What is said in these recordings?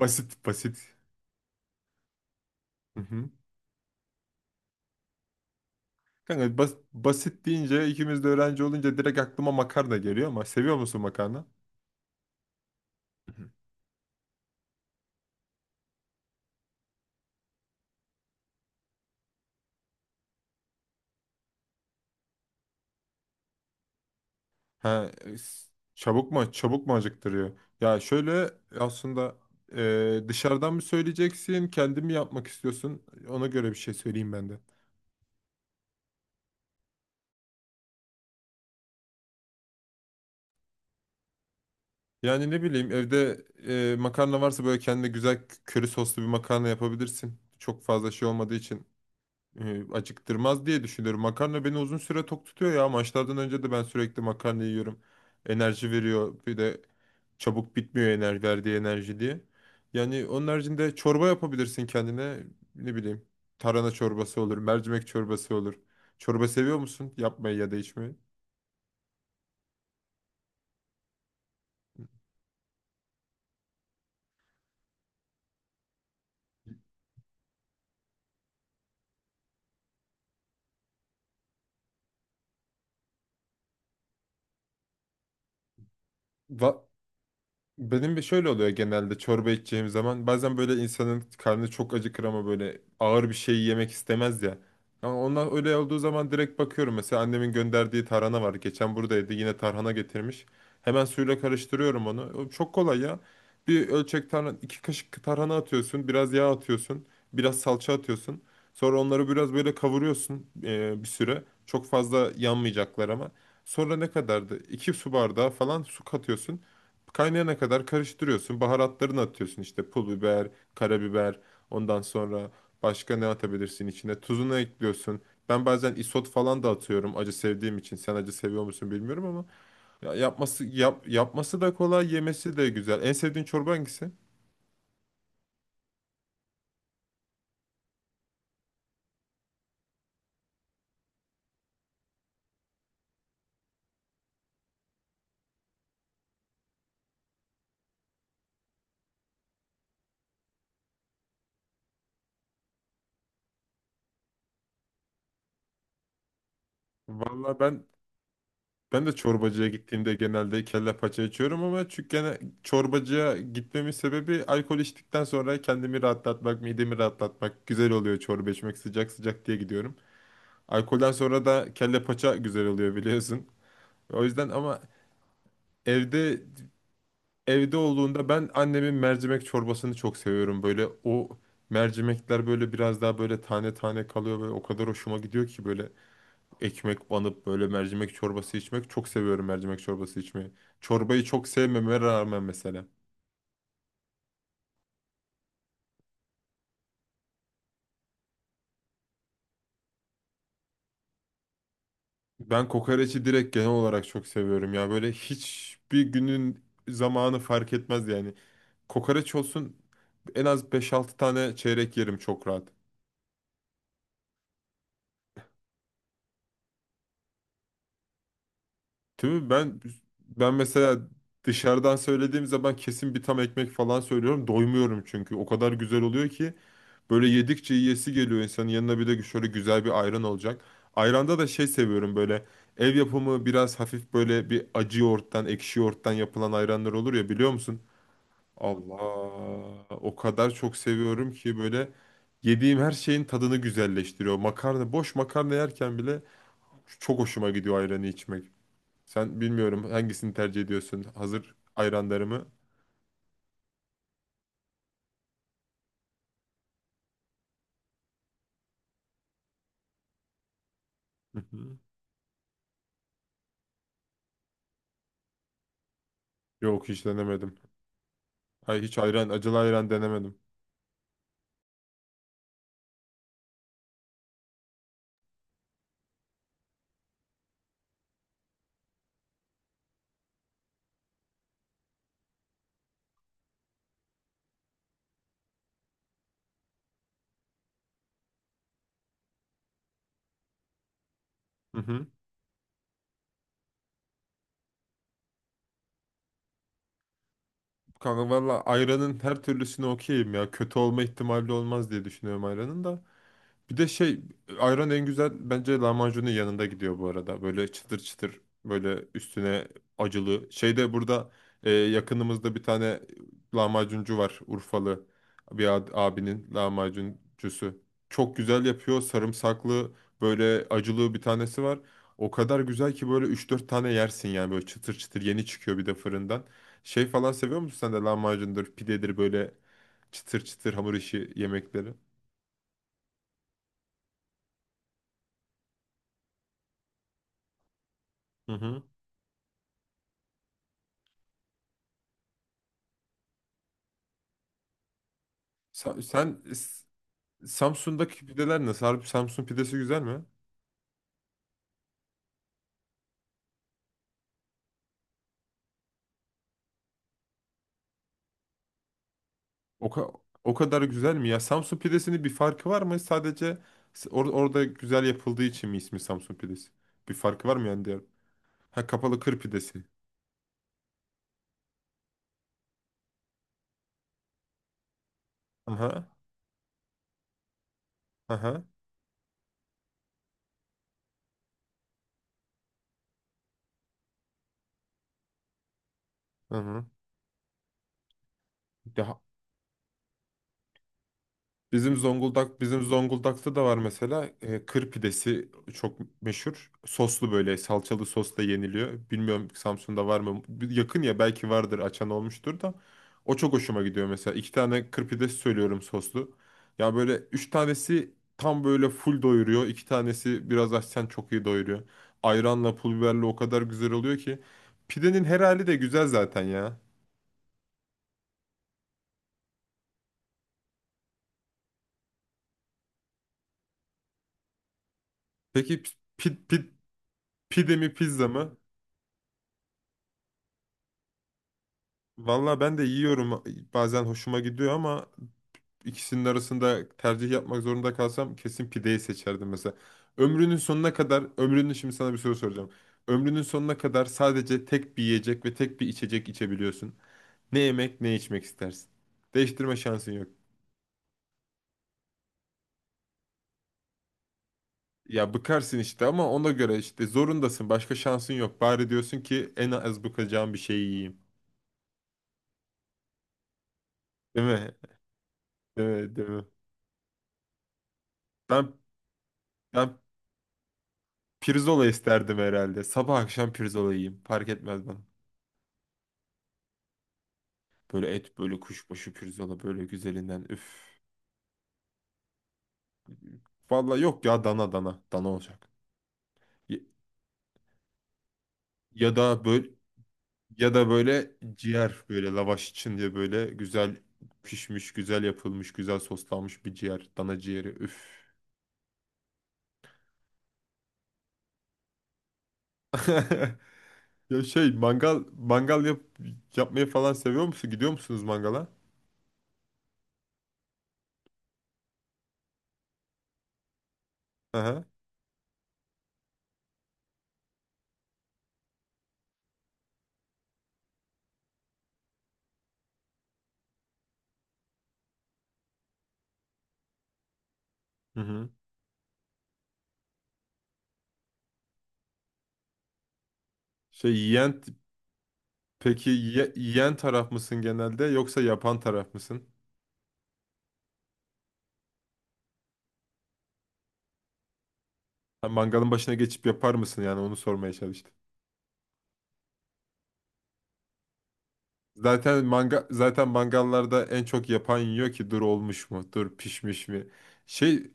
Basit basit. Hı hı. Kanka basit deyince ikimiz de öğrenci olunca direkt aklıma makarna geliyor ama seviyor musun makarna? Hı hı. Ha, çabuk mu çabuk mu acıktırıyor? Ya şöyle aslında dışarıdan mı söyleyeceksin, kendin mi yapmak istiyorsun? Ona göre bir şey söyleyeyim ben de. Yani ne bileyim evde makarna varsa böyle kendine güzel köri soslu bir makarna yapabilirsin. Çok fazla şey olmadığı için acıktırmaz diye düşünüyorum. Makarna beni uzun süre tok tutuyor ya. Maçlardan önce de ben sürekli makarna yiyorum. Enerji veriyor. Bir de çabuk bitmiyor verdiği enerji diye. Yani onun haricinde çorba yapabilirsin kendine. Ne bileyim. Tarhana çorbası olur, mercimek çorbası olur. Çorba seviyor musun? Yapmayı ya da içmeyi. Va- Benim bir şöyle oluyor genelde çorba içeceğim zaman. Bazen böyle insanın karnı çok acıkır ama böyle ağır bir şey yemek istemez ya. Ama onlar öyle olduğu zaman direkt bakıyorum. Mesela annemin gönderdiği tarhana var. Geçen buradaydı yine tarhana getirmiş. Hemen suyla karıştırıyorum onu. O çok kolay ya. Bir ölçek tarhana, iki kaşık tarhana atıyorsun. Biraz yağ atıyorsun. Biraz salça atıyorsun. Sonra onları biraz böyle kavuruyorsun bir süre. Çok fazla yanmayacaklar ama. Sonra ne kadardı? İki su bardağı falan su katıyorsun. Kaynayana kadar karıştırıyorsun. Baharatlarını atıyorsun işte pul biber, karabiber. Ondan sonra başka ne atabilirsin içine? Tuzunu ekliyorsun. Ben bazen isot falan da atıyorum acı sevdiğim için. Sen acı seviyor musun bilmiyorum ama ya yapması da kolay, yemesi de güzel. En sevdiğin çorba hangisi? Vallahi ben ben de çorbacıya gittiğimde genelde kelle paça içiyorum ama çünkü gene çorbacıya gitmemin sebebi alkol içtikten sonra kendimi rahatlatmak, midemi rahatlatmak güzel oluyor çorba içmek sıcak sıcak diye gidiyorum. Alkolden sonra da kelle paça güzel oluyor biliyorsun. O yüzden ama evde evde olduğunda ben annemin mercimek çorbasını çok seviyorum. Böyle o mercimekler böyle biraz daha böyle tane tane kalıyor ve o kadar hoşuma gidiyor ki böyle ekmek banıp böyle mercimek çorbası içmek çok seviyorum mercimek çorbası içmeyi. Çorbayı çok sevmeme rağmen mesela. Ben kokoreçi direkt genel olarak çok seviyorum ya. Böyle hiçbir günün zamanı fark etmez yani. Kokoreç olsun en az beş altı tane çeyrek yerim çok rahat. Değil mi? Ben mesela dışarıdan söylediğim zaman kesin bir tam ekmek falan söylüyorum. Doymuyorum çünkü. O kadar güzel oluyor ki böyle yedikçe yiyesi geliyor insanın. Yanına bir de şöyle güzel bir ayran olacak. Ayranda da şey seviyorum böyle ev yapımı biraz hafif böyle bir acı yoğurttan, ekşi yoğurttan yapılan ayranlar olur ya biliyor musun? Allah o kadar çok seviyorum ki böyle yediğim her şeyin tadını güzelleştiriyor. Makarna, boş makarna yerken bile çok hoşuma gidiyor ayranı içmek. Sen bilmiyorum hangisini tercih ediyorsun? Hazır ayranları mı? Hı hı. Yok hiç denemedim. Ay hiç acılı ayran denemedim. Hı hı. Kanka valla ayranın her türlüsüne okeyim ya. Kötü olma ihtimali olmaz diye düşünüyorum ayranın da. Bir de şey ayran en güzel bence lahmacunun yanında gidiyor bu arada. Böyle çıtır çıtır böyle üstüne acılı. Şeyde burada yakınımızda bir tane lahmacuncu var Urfalı bir abinin lahmacuncusu. Çok güzel yapıyor sarımsaklı böyle acılı bir tanesi var. O kadar güzel ki böyle üç dört tane yersin yani böyle çıtır çıtır yeni çıkıyor bir de fırından. Şey falan seviyor musun sen de lahmacundur pidedir böyle çıtır çıtır hamur işi yemekleri? Hı hı. Sa- Sen, S- Samsun'daki pideler nasıl? Harbi Samsun pidesi güzel mi? O, o kadar güzel mi ya? Samsun pidesinin bir farkı var mı? Sadece orada güzel yapıldığı için mi ismi Samsun pidesi? Bir farkı var mı yani diğer? Ha kapalı kır pidesi. Aha. Aha. Aha. Bizim Zonguldak'ta da var mesela kır pidesi çok meşhur. Soslu böyle salçalı sosla yeniliyor. Bilmiyorum Samsun'da var mı? Yakın ya belki vardır açan olmuştur da. O çok hoşuma gidiyor mesela. İki tane kır pidesi söylüyorum soslu. Ya böyle üç tanesi tam böyle full doyuruyor. İki tanesi biraz açsan çok iyi doyuruyor. Ayranla pul biberle o kadar güzel oluyor ki. Pidenin her hali de güzel zaten ya. Peki pide mi pizza mı? Valla ben de yiyorum bazen hoşuma gidiyor ama ikisinin arasında tercih yapmak zorunda kalsam kesin pideyi seçerdim mesela. Ömrünün şimdi sana bir soru soracağım. Ömrünün sonuna kadar sadece tek bir yiyecek ve tek bir içecek içebiliyorsun. Ne yemek ne içmek istersin. Değiştirme şansın yok. Ya bıkarsın işte ama ona göre işte zorundasın. Başka şansın yok. Bari diyorsun ki en az bıkacağım bir şeyi yiyeyim. Değil mi? Değil mi? Değil mi? Ben ben Pirzola isterdim herhalde. Sabah akşam pirzola yiyeyim. Fark etmez bana. Böyle et, böyle kuşbaşı pirzola, böyle güzelinden. Üf. Vallahi yok ya dana dana. Dana olacak. Ya, ya da böyle ya da böyle ciğer böyle lavaş için diye böyle güzel pişmiş, güzel yapılmış, güzel soslanmış bir ciğer. Dana ciğeri. Üf. Ya şey mangal yap, yapmayı falan seviyor musun? Gidiyor musunuz mangala? Aha. Hı hı. Şey yiyen Peki yiyen taraf mısın genelde yoksa yapan taraf mısın? Ha, mangalın başına geçip yapar mısın yani onu sormaya çalıştım. Zaten mangallarda en çok yapan yiyor ki dur olmuş mu? Dur pişmiş mi? Şey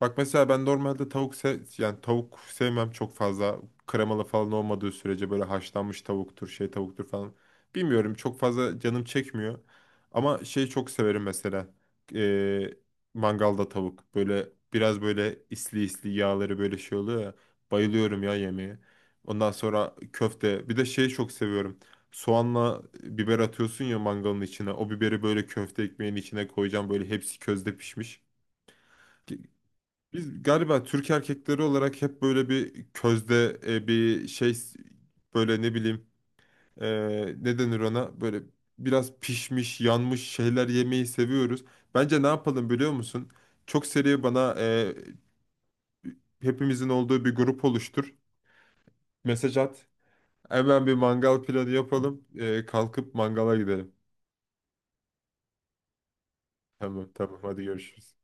bak mesela ben normalde tavuk se yani tavuk sevmem çok fazla. Kremalı falan olmadığı sürece böyle haşlanmış tavuktur, şey tavuktur falan. Bilmiyorum çok fazla canım çekmiyor. Ama şey çok severim mesela. Ee, mangalda tavuk. Böyle biraz böyle isli isli yağları böyle şey oluyor ya. Bayılıyorum ya yemeğe. Ondan sonra köfte. Bir de şeyi çok seviyorum. Soğanla biber atıyorsun ya mangalın içine. O biberi böyle köfte ekmeğin içine koyacağım. Böyle hepsi közde pişmiş. Biz galiba Türk erkekleri olarak hep böyle bir közde bir böyle ne bileyim e, ne denir ona böyle biraz pişmiş yanmış şeyler yemeyi seviyoruz. Bence ne yapalım biliyor musun? Çok seri bana hepimizin olduğu bir grup oluştur. Mesaj at. Hemen bir mangal planı yapalım. Kalkıp mangala gidelim. Tamam tamam hadi görüşürüz.